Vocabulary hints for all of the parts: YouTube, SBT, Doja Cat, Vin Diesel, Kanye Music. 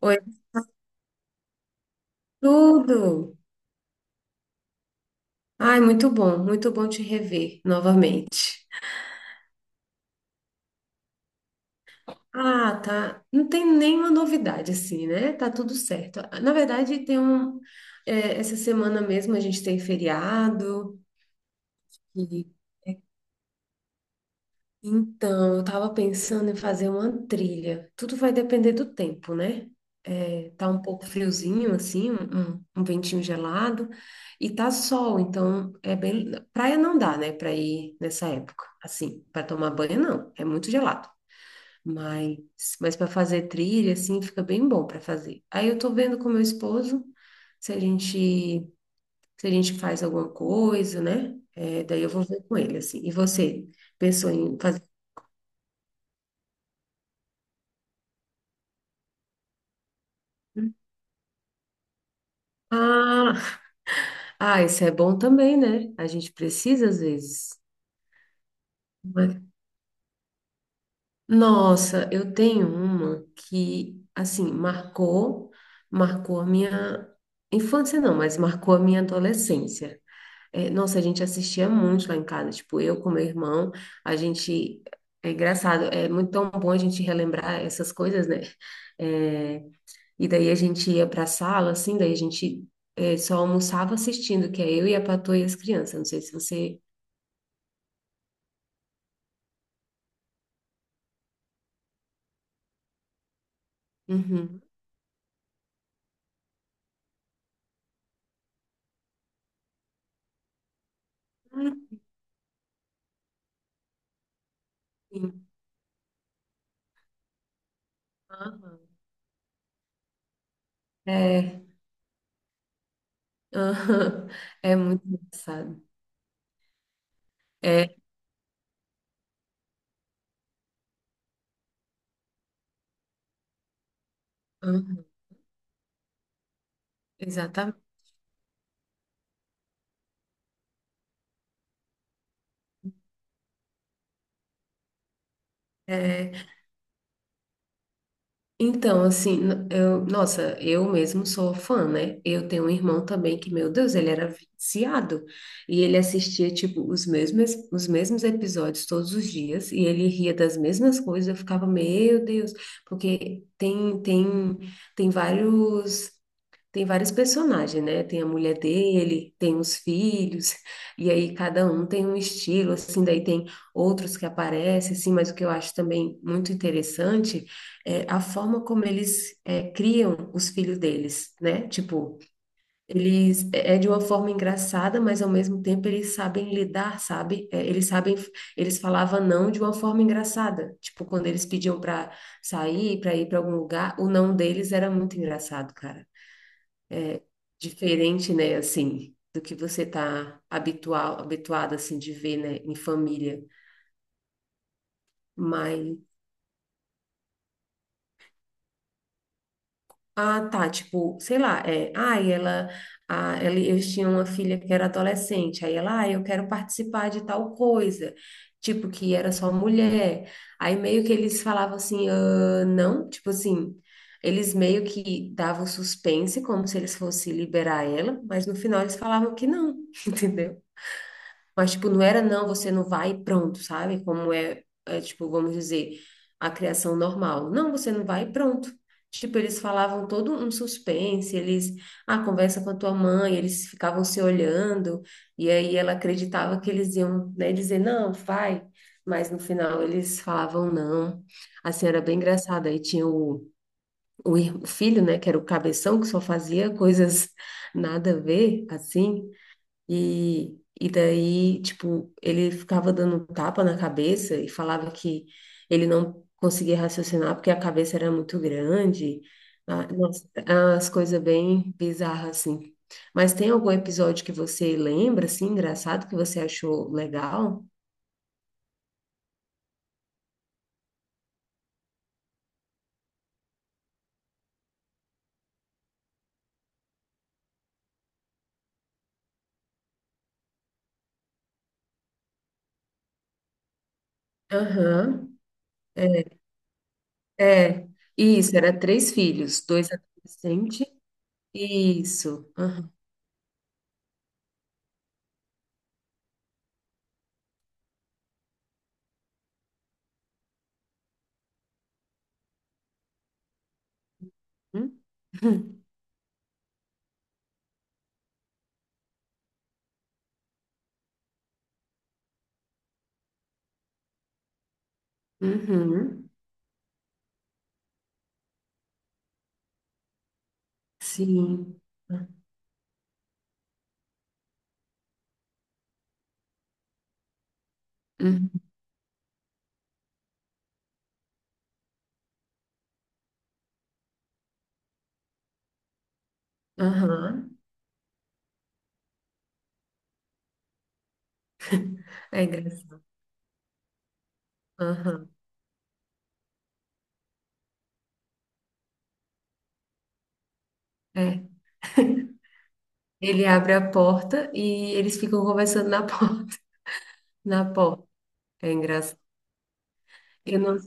Oi, tudo! Ai, muito bom te rever novamente. Ah, tá. Não tem nenhuma novidade assim, né? Tá tudo certo. Na verdade, tem um. Essa semana mesmo a gente tem feriado. Então, eu estava pensando em fazer uma trilha. Tudo vai depender do tempo, né? É, tá um pouco friozinho, assim, um ventinho gelado, e tá sol, então é bem. Praia não dá, né, para ir nessa época, assim, para tomar banho não, é muito gelado. Mas, mas para fazer trilha, assim, fica bem bom para fazer. Aí eu tô vendo com meu esposo se a gente, se a gente faz alguma coisa, né? Daí eu vou ver com ele, assim. E você, pensou em fazer? Ah, ah, isso é bom também, né? A gente precisa às vezes. Não é? Nossa, eu tenho uma que, assim, marcou a minha infância, não, mas marcou a minha adolescência. É, nossa, a gente assistia muito lá em casa, tipo, eu com meu irmão, a gente. É engraçado, é muito tão bom a gente relembrar essas coisas, né? É, e daí a gente ia pra sala, assim, daí a gente. Só almoçava assistindo, que é eu e a Patroa e as crianças. Não sei se você. Uhum. Hum. Sim. Aham. É, aham. É muito engraçado. É, aham, exatamente. É, então, assim, eu, nossa, eu mesmo sou fã, né? Eu tenho um irmão também que, meu Deus, ele era viciado. E ele assistia, tipo, os mesmos episódios todos os dias. E ele ria das mesmas coisas. Eu ficava, meu Deus, porque tem vários. Tem vários personagens, né? Tem a mulher dele, tem os filhos, e aí cada um tem um estilo, assim, daí tem outros que aparecem, assim, mas o que eu acho também muito interessante é a forma como eles criam os filhos deles, né? Tipo, eles é de uma forma engraçada, mas ao mesmo tempo eles sabem lidar, sabe? Eles sabem, eles falavam não de uma forma engraçada. Tipo, quando eles pediam para sair, para ir para algum lugar, o não deles era muito engraçado, cara diferente, né, assim, do que você tá habituado, assim, de ver, né, em família. Mas, ah, tá, tipo, sei lá, é, ah, e ela, eles tinham uma filha que era adolescente, aí ela, ah, eu quero participar de tal coisa, tipo, que era só mulher. Aí meio que eles falavam assim, ah, não, tipo assim... Eles meio que davam suspense, como se eles fossem liberar ela, mas no final eles falavam que não, entendeu? Mas, tipo, não era não, você não vai e pronto, sabe? Como tipo, vamos dizer, a criação normal. Não, você não vai e pronto. Tipo, eles falavam todo um suspense, eles, ah, conversa com a tua mãe, eles ficavam se olhando, e aí ela acreditava que eles iam, né, dizer, não, vai. Mas no final eles falavam não. Assim, era bem engraçado. Aí tinha o filho, né, que era o cabeção, que só fazia coisas nada a ver, assim. E daí, tipo, ele ficava dando um tapa na cabeça e falava que ele não conseguia raciocinar porque a cabeça era muito grande. Ah, nossa, as coisas bem bizarras, assim. Mas tem algum episódio que você lembra, assim, engraçado, que você achou legal? Aham. É, isso, era três filhos, dois adolescentes. Isso. Aham. Uhum. Uhum. Sim. Uhum. Aham. É engraçado. Aham, é. Ele abre a porta e eles ficam conversando na porta. Na porta. É engraçado. Eu não...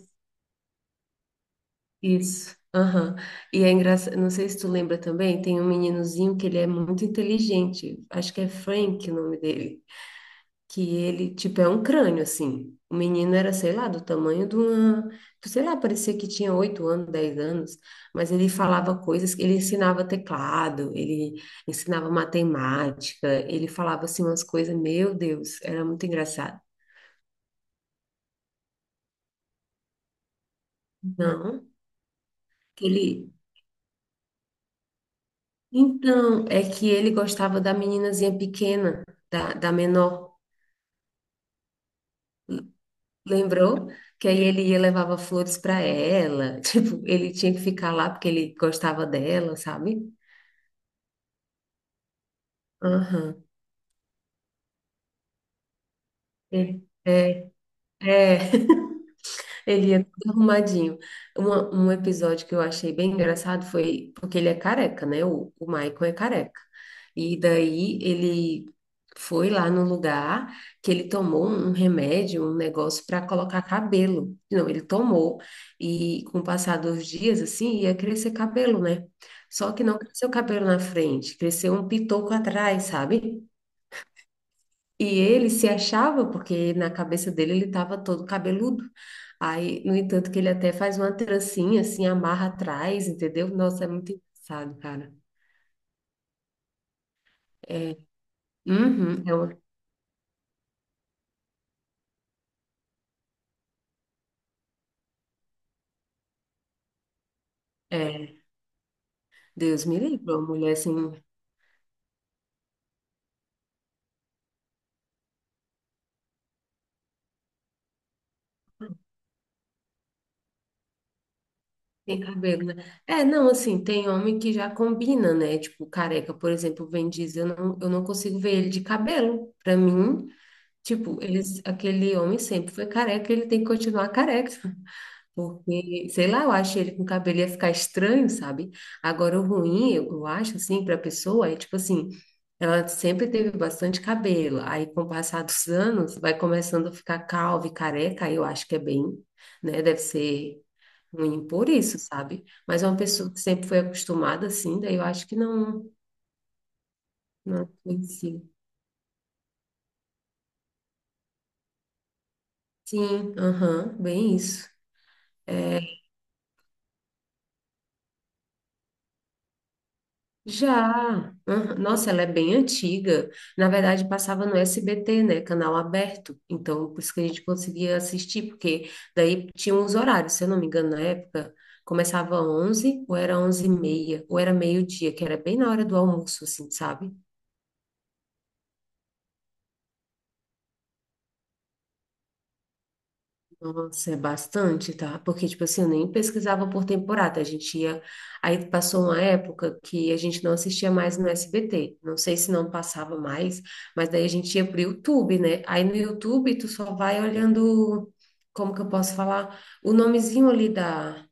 Isso. Aham. E é engraçado. Não sei se tu lembra também, tem um meninozinho que ele é muito inteligente. Acho que é Frank o nome dele. Que ele, tipo, é um crânio, assim. O menino era, sei lá, do tamanho de uma, sei lá, parecia que tinha oito anos, dez anos, mas ele falava coisas, ele ensinava teclado, ele ensinava matemática, ele falava assim umas coisas, meu Deus, era muito engraçado. Não, que ele, então, é que ele gostava da meninazinha pequena, da menor, lembrou? Que aí ele ia levava flores para ela, tipo, ele tinha que ficar lá porque ele gostava dela, sabe? Aham. Ele, ele é todo arrumadinho. Um episódio que eu achei bem engraçado foi porque ele é careca, né? O Michael é careca. E daí ele foi lá no lugar que ele tomou um remédio, um negócio para colocar cabelo. Não, ele tomou e com o passar dos dias, assim, ia crescer cabelo, né? Só que não cresceu cabelo na frente, cresceu um pitoco atrás, sabe? E ele se achava, porque na cabeça dele ele estava todo cabeludo. Aí, no entanto, que ele até faz uma trancinha, assim, amarra atrás, entendeu? Nossa, é muito engraçado, cara. É, uhum, é, uma- é, Deus me livre, uma mulher assim, sem cabelo, né? É, não, assim, tem homem que já combina, né? Tipo, careca, por exemplo, o Vin Diesel, eu não consigo ver ele de cabelo. Pra mim, tipo, eles, aquele homem sempre foi careca, ele tem que continuar careca. Porque, sei lá, eu acho ele com o cabelo ia ficar estranho, sabe? Agora, o ruim, eu acho, assim, para a pessoa é tipo assim: ela sempre teve bastante cabelo, aí com o passar dos anos vai começando a ficar calva e careca, aí eu acho que é bem, né? Deve ser ruim por isso, sabe? Mas é uma pessoa que sempre foi acostumada assim, daí eu acho que não, não influencia. Sim, aham, bem isso. Já. Aham. Nossa, ela é bem antiga. Na verdade, passava no SBT, né? Canal aberto. Então, por isso que a gente conseguia assistir, porque daí tinha uns horários, se eu não me engano, na época, começava 11, ou era 11 e meia, ou era meio-dia, que era bem na hora do almoço, assim, sabe? Nossa, é bastante, tá? Porque, tipo assim, eu nem pesquisava por temporada. A gente ia. Aí passou uma época que a gente não assistia mais no SBT. Não sei se não passava mais, mas daí a gente ia pro YouTube, né? Aí no YouTube tu só vai olhando, como que eu posso falar? O nomezinho ali da,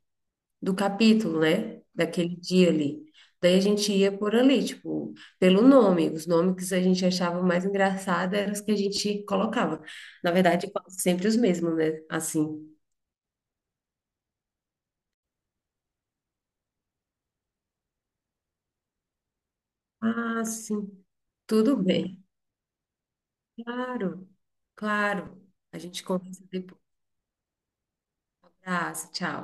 do capítulo, né? Daquele dia ali. Daí a gente ia por ali, tipo, pelo nome. Os nomes que a gente achava mais engraçado eram os que a gente colocava. Na verdade, quase sempre os mesmos, né? Assim. Ah, sim. Tudo bem. Claro, claro. A gente conversa depois. Ah, tchau.